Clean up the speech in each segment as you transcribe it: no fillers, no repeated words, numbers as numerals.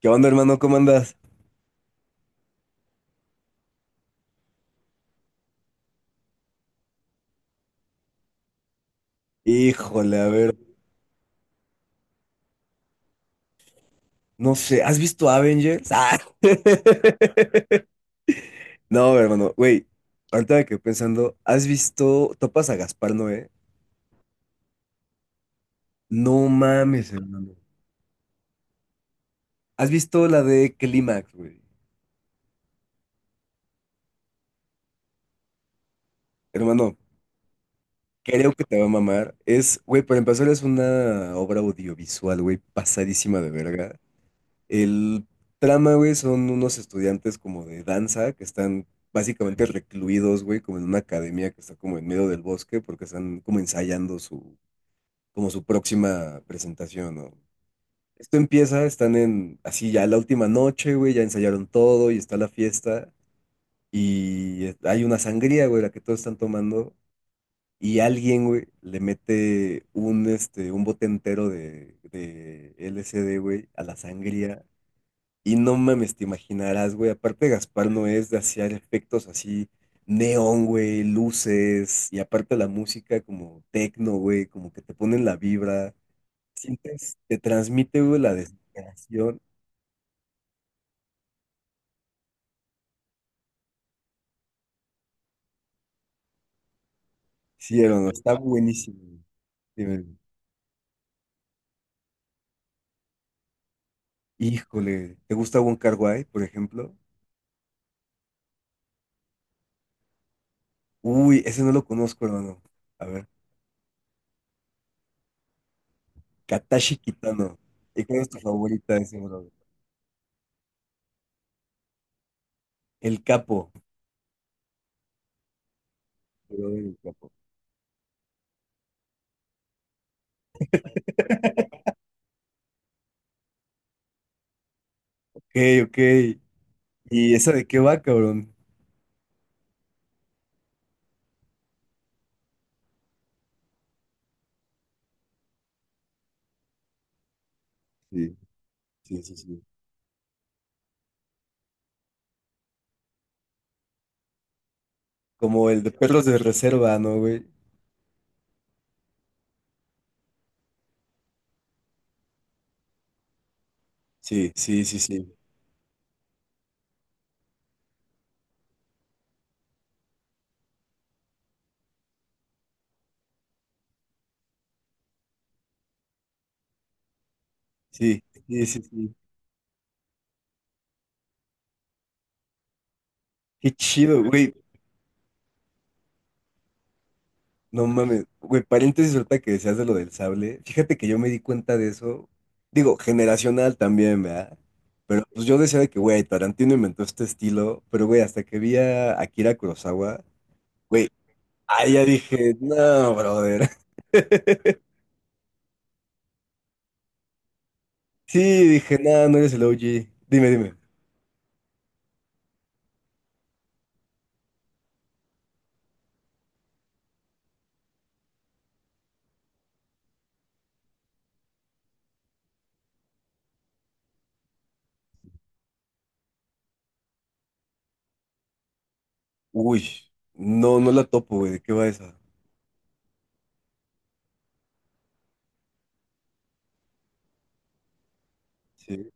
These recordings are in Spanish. ¿Qué onda, hermano? ¿Cómo andas? Híjole, a ver, no sé, ¿has visto Avengers? ¡Ah! No, hermano, güey, ahorita me quedé pensando, ¿has visto, topas a Gaspar Noé? No mames, hermano. ¿Has visto la de Clímax, güey? Hermano, creo que te va a mamar. Es, güey, para empezar es una obra audiovisual, güey, pasadísima de verga. El trama, güey, son unos estudiantes como de danza que están básicamente recluidos, güey, como en una academia que está como en medio del bosque porque están como ensayando como su próxima presentación, ¿no? Esto empieza, están así ya la última noche, güey, ya ensayaron todo y está la fiesta y hay una sangría, güey, la que todos están tomando y alguien, güey, le mete un bote entero de LSD, güey, a la sangría y no mames, te imaginarás, güey. Aparte, Gaspar no es de hacer efectos así, neón, güey, luces. Y aparte, la música como tecno, güey, como que te ponen la vibra. Sientes, te transmite, güey, la desesperación. Sí, hermano, está buenísimo, güey. Dime, güey. Híjole, ¿te gusta Wong kar Wai, por ejemplo? Uy, ese no lo conozco, hermano. A ver, Katashi Kitano. ¿Y cuál es tu favorita de ese, bro? El capo. Pero el capo. Ok, ok. ¿Y esa de qué va, cabrón? Sí, sí, sí, sí. ¿Como el de perros de reserva, no, güey? Sí, sí, sí, sí. Sí, sí, sí, sí. Qué chido, güey. No mames. Güey, paréntesis ahorita que decías de lo del sable. Fíjate que yo me di cuenta de eso. Digo, generacional también, ¿verdad? Pero pues yo decía de que, güey, Tarantino inventó este estilo. Pero, güey, hasta que vi a Akira Kurosawa, güey, ahí ya dije, no, brother. Sí, dije, no, no eres el OG. Dime, dime. Uy, no, no la topo, güey. ¿De qué va esa? Sí,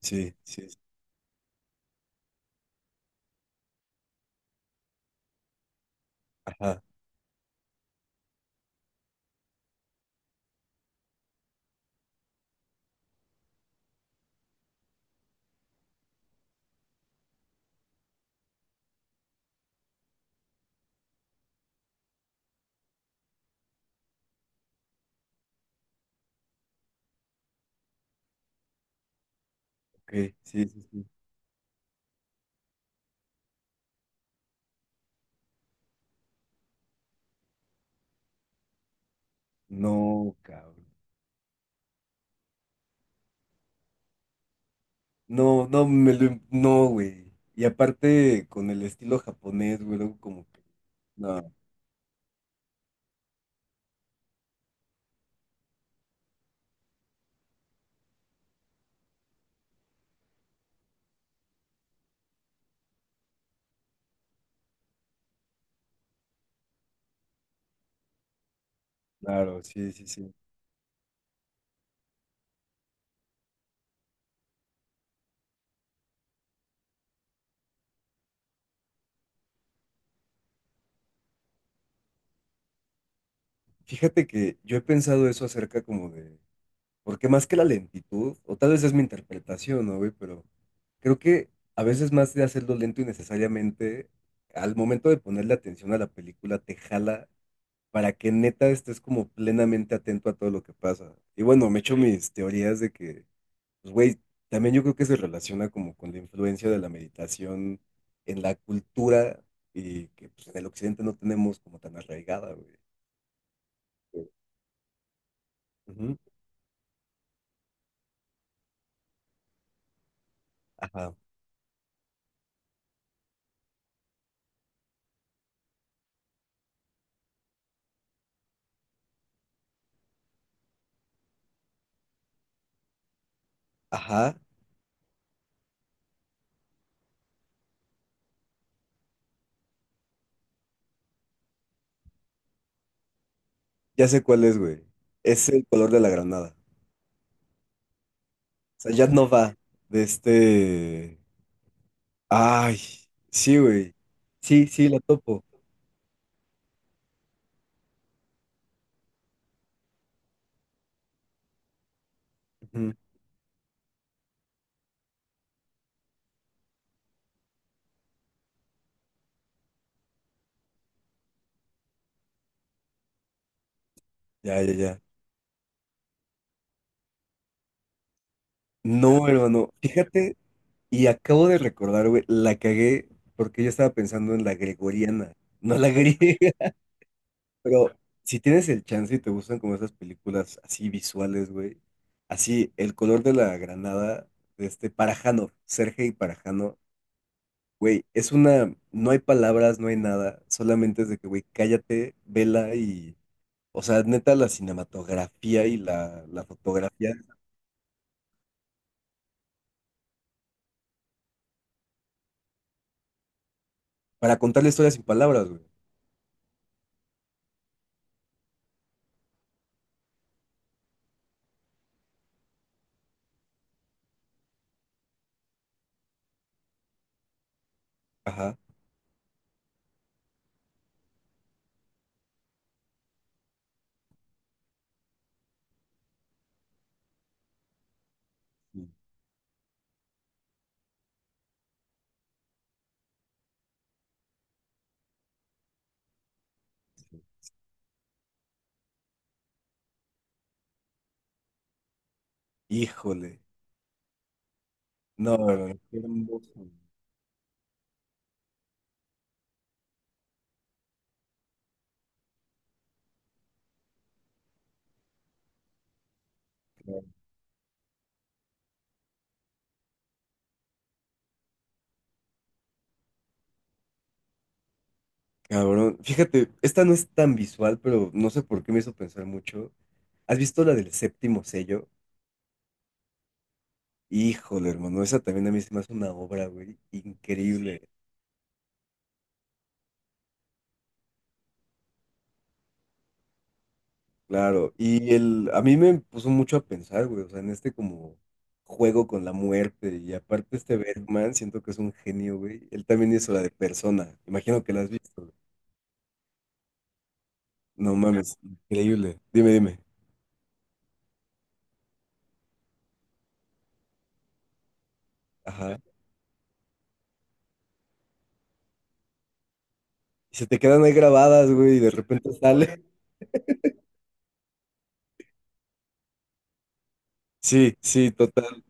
sí, sí, sí. Ajá, ok, sí, sí, sí. No, cabrón. No, no, no, güey. Y aparte, con el estilo japonés, güey, luego como que. No, claro, sí, sí, sí. Fíjate que yo he pensado eso acerca como de. Porque más que la lentitud, o tal vez es mi interpretación, ¿no, güey? Pero creo que a veces más de hacerlo lento y necesariamente, al momento de ponerle atención a la película, te jala para que neta estés como plenamente atento a todo lo que pasa. Y bueno, me echo mis teorías de que, pues güey, también yo creo que se relaciona como con la influencia de la meditación en la cultura y que pues, en el occidente no tenemos como tan arraigada, güey. Ujú. Ajá, ajá, ya sé cuál es, güey. Es el color de la granada. O sea, ya no va de este... Ay, sí, güey. Sí, sí, la topo. Ujú. Ya, ya, ya. No, hermano, fíjate, y acabo de recordar, güey, la cagué porque yo estaba pensando en la gregoriana, no la griega, pero si tienes el chance y te gustan como esas películas así visuales, güey, así, El color de la granada de este Parajanov, Sergei Parajanov, güey, es una, no hay palabras, no hay nada, solamente es de que, güey, cállate, vela y, o sea, neta, la cinematografía y la fotografía, para contar la historia sin palabras, güey. Ajá. Híjole. No, no, no, qué hermoso. Claro. Cabrón. Fíjate, esta no es tan visual, pero no sé por qué me hizo pensar mucho. ¿Has visto la del séptimo sello? Híjole, hermano, esa también a mí se me hace una obra, güey, increíble. Claro, a mí me puso mucho a pensar, güey, o sea, en este como juego con la muerte, y aparte este Bergman, siento que es un genio, güey. Él también hizo la de Persona, imagino que la has visto, güey. No mames, increíble. Dime, dime. Ajá. Y se te quedan ahí grabadas, güey, y de repente sale. Sí, sí, total.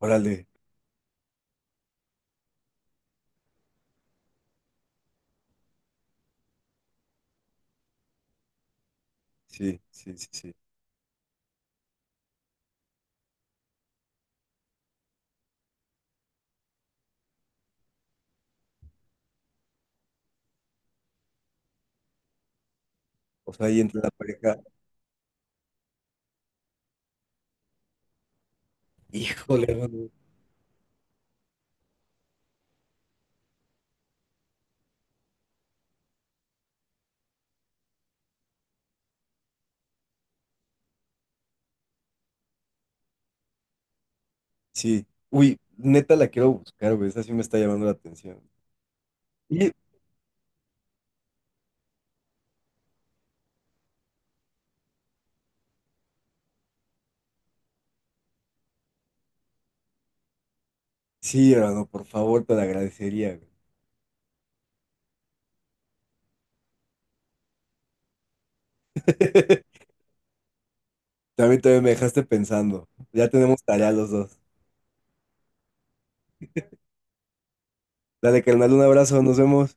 Órale. Sí, sí, sí, sí. O sea, ahí entre la pareja. Híjole, mano. Sí. Uy, neta la quiero buscar, güey. Esa sí me está llamando la atención. Y sí, hermano, por favor, te la agradecería, güey. También, también me dejaste pensando. Ya tenemos tarea los dos. Dale, carnal, un abrazo, nos vemos.